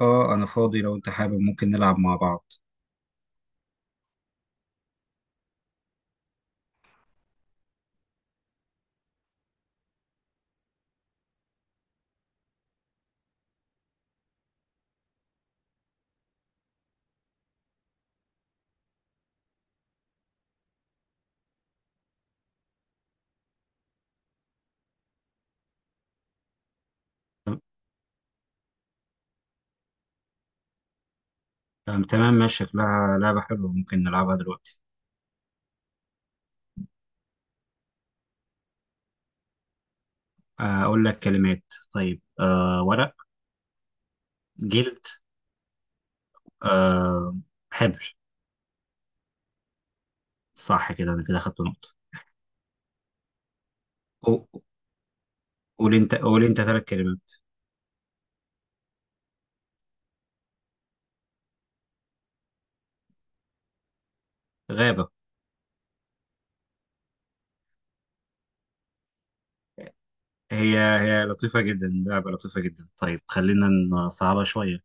اه انا فاضي، لو انت حابب ممكن نلعب مع بعض. تمام، ماشي. شكلها لعبة حلوة، ممكن نلعبها دلوقتي. أقول لك كلمات. طيب ورق. جلد. أه، حبر. صح كده، أنا كده خدت نقطة. قو- قول أنت ثلاث كلمات. غابة. هي لطيفة جدا، لعبة لطيفة جدا. طيب خلينا نصعبها شوية.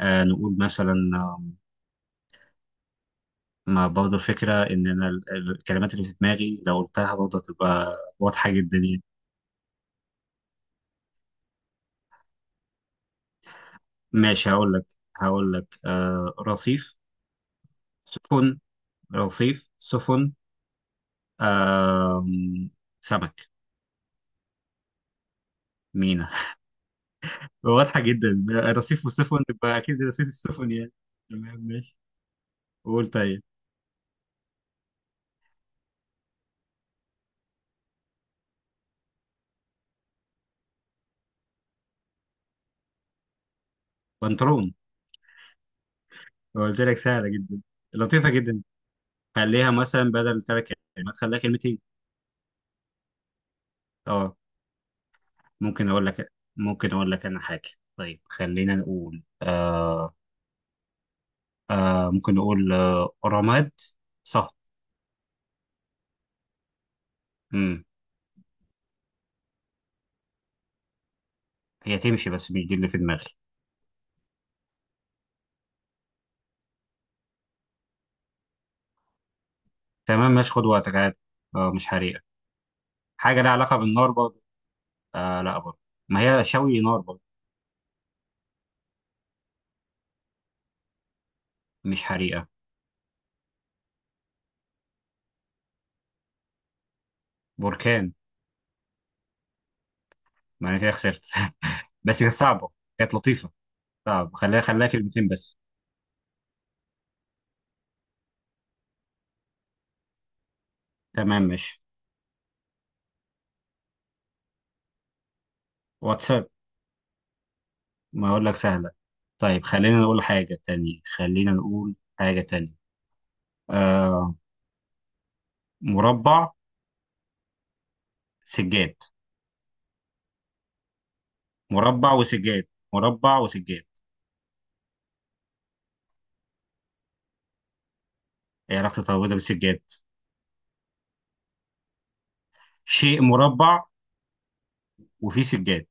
نقول مثلا، ما برضه الفكرة إن أنا الكلمات اللي في دماغي لو قلتها برضه هتبقى واضحة جدا يعني. ماشي هقول لك. آه، رصيف. سفن. رصيف سفن. آه، سمك. مينا. واضحة جدا، رصيف وسفن يبقى أكيد رصيف السفن يعني. تمام ماشي. قول طيب. بنطلون. قلت لك سهلة جدا. لطيفة جدا. خليها مثلا بدل تلات كلمات خليها كلمتين. اه. ممكن أقول لك أنا حاجة. طيب خلينا نقول آه. ممكن نقول، آه، رماد. صح. مم. هي تمشي بس مش دي اللي في دماغي. تمام ماشي، خد وقتك عادي. آه، مش حريقة. حاجة لها علاقة بالنار برضه. آه لا برضه. ما هي شوي نار برضه. مش حريقة. بركان. ما أنا كده خسرت. بس كانت صعبة. كانت لطيفة. صعب. خليها كلمتين بس. تمام ماشي. واتساب. ما أقول لك سهلة. طيب خلينا نقول حاجة تانية. خلينا نقول حاجة تانية. آه، مربع. سجاد. مربع وسجاد. مربع وسجاد. ايه علاقة الترابيزة بالسجاد؟ شيء مربع وفيه سجاد.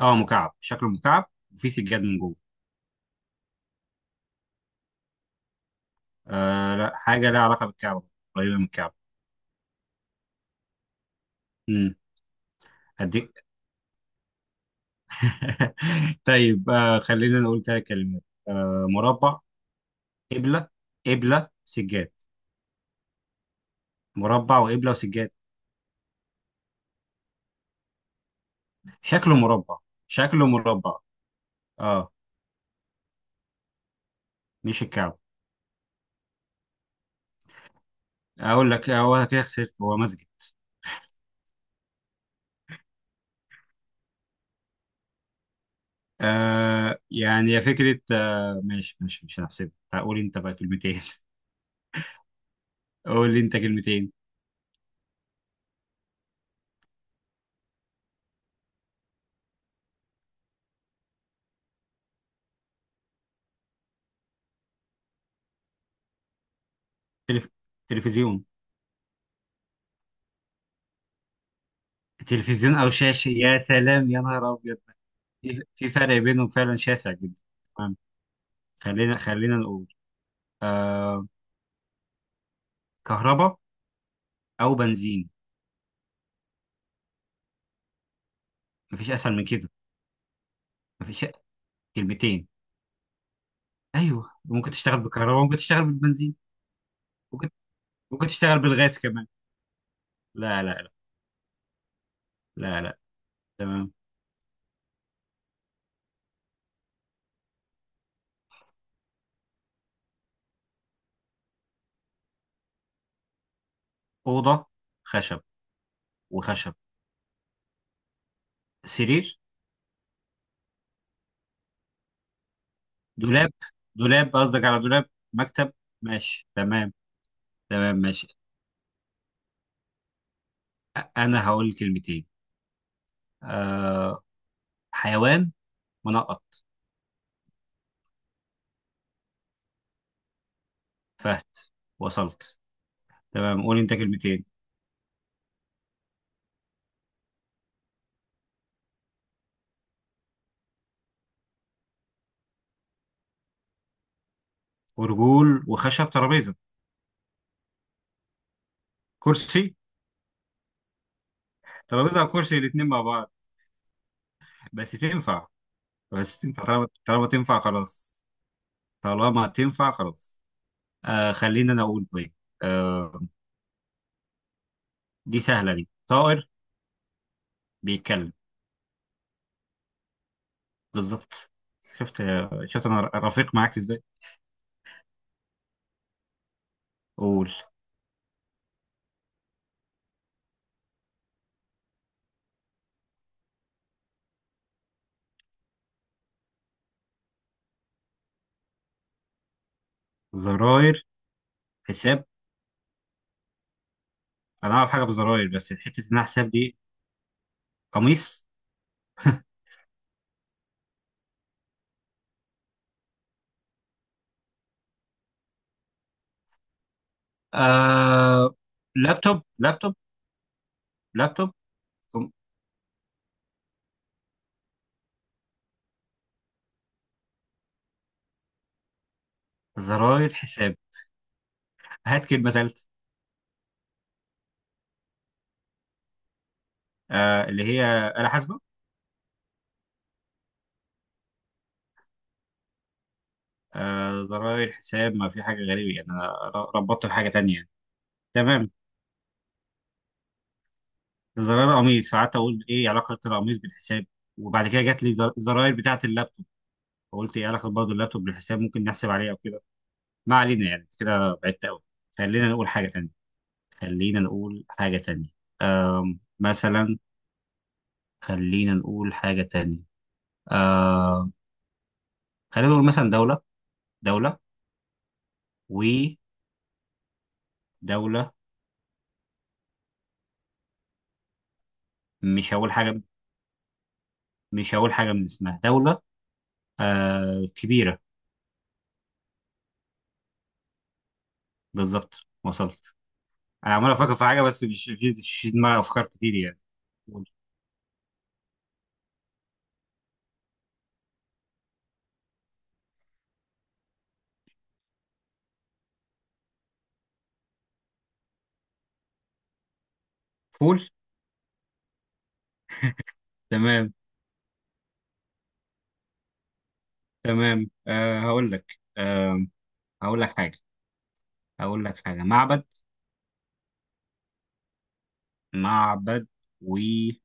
اه مكعب، شكله مكعب وفي سجاد من جوه. آه لا، حاجه لها علاقه بالكعبه. قريبه من الكعبه. امم. هديك. طيب آه، خلينا نقول ثلاث كلمات. آه، مربع. قبله. سجاد. مربع وقبله وسجاد. شكله مربع شكله مربع. اه. مش الكعبه. اقول لك هو كده خسرت، هو مسجد. آه يعني، يا فكره، آه ماشي ماشي مش هنحسبها، تعال قول انت بقى كلمتين. قول لي انت كلمتين. تلف... تلفزيون. تلفزيون او شاشه، يا سلام، يا نهار ابيض. في فرق بينهم فعلا شاسع جدا. تمام. خلينا نقول آه. كهرباء او بنزين. مفيش اسهل من كده. مفيش. كلمتين. ايوه، ممكن تشتغل بالكهرباء، ممكن تشتغل بالبنزين. ممكن ممكن تشتغل بالغاز كمان. لا لا لا. لا لا. تمام. اوضه. خشب. وخشب. سرير. دولاب. دولاب قصدك على دولاب. مكتب. ماشي تمام. تمام ماشي. انا هقول كلمتين. آه، حيوان. منقط. فهد. وصلت. تمام، قول انت كلمتين. ورجول وخشب، ترابيزه. كرسي. ترابيزه وكرسي الاثنين مع بعض، بس تنفع. بس تنفع، طالما تنفع خلاص. طالما تنفع خلاص. آه خلينا، انا اقول طيب. آه، دي سهله، دي طائر بيتكلم. بالظبط. شفت؟ شفت انا رفيق معاك ازاي؟ قول. زراير. حساب. انا اعرف حاجه بالزراير بس حته انها حساب دي؟ قميص. آه. لابتوب. لابتوب. زراير حساب. هات كلمة ثالثة. آه اللي هي آلة حاسبة. آه، زراير حساب، ما في حاجة غريبة يعني. أنا ربطت بحاجة تانية يعني. تمام. زراير قميص، فقعدت أقول إيه علاقة القميص بالحساب. وبعد كده جات لي زراير بتاعة اللابتوب، فقلت إيه علاقة برضه اللابتوب بالحساب، ممكن نحسب عليه أو كده. ما علينا، يعني كده بعدت أوي. خلينا نقول حاجة تانية. خلينا نقول حاجة تانية. آم، مثلا. خلينا نقول حاجة تانية. آم. خلينا نقول مثلا دولة. دولة. ودولة. مش هقول حاجة. مش هقول حاجة من اسمها دولة. آه، كبيرة. بالظبط وصلت. أنا عمال أفكر في حاجة بس مش في دماغي أفكار كتير يعني. فول. فول؟ تمام. تمام آه هقول لك آه. هقول لك حاجة هقول لك حاجة، معبد. معبد وإله.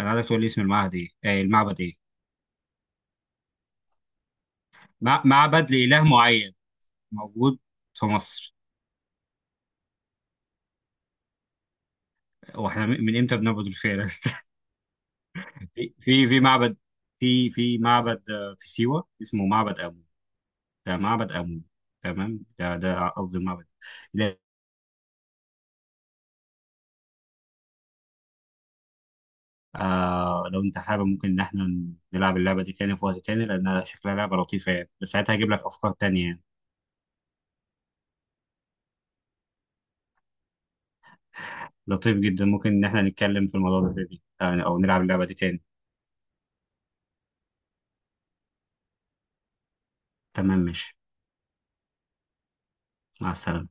أنا عايزك تقول لي اسم المعبد إيه، المعبد إيه. معبد لإله معين، موجود في مصر. واحنا من امتى بنعبد الفيلة؟ معبد، في في معبد آه، في سيوة اسمه معبد أبو. ده معبد أمون. تمام، ده قصدي المعبد. لا. آه لو أنت حابب ممكن إن إحنا نلعب اللعبة دي تاني في وقت تاني، لأنها شكلها لعبة لطيفة يعني، بس ساعتها هجيب لك أفكار تانية يعني. لطيف جدا، ممكن إن إحنا نتكلم في الموضوع ده تاني آه، أو نلعب اللعبة دي تاني. تمام ماشي. مع السلامة.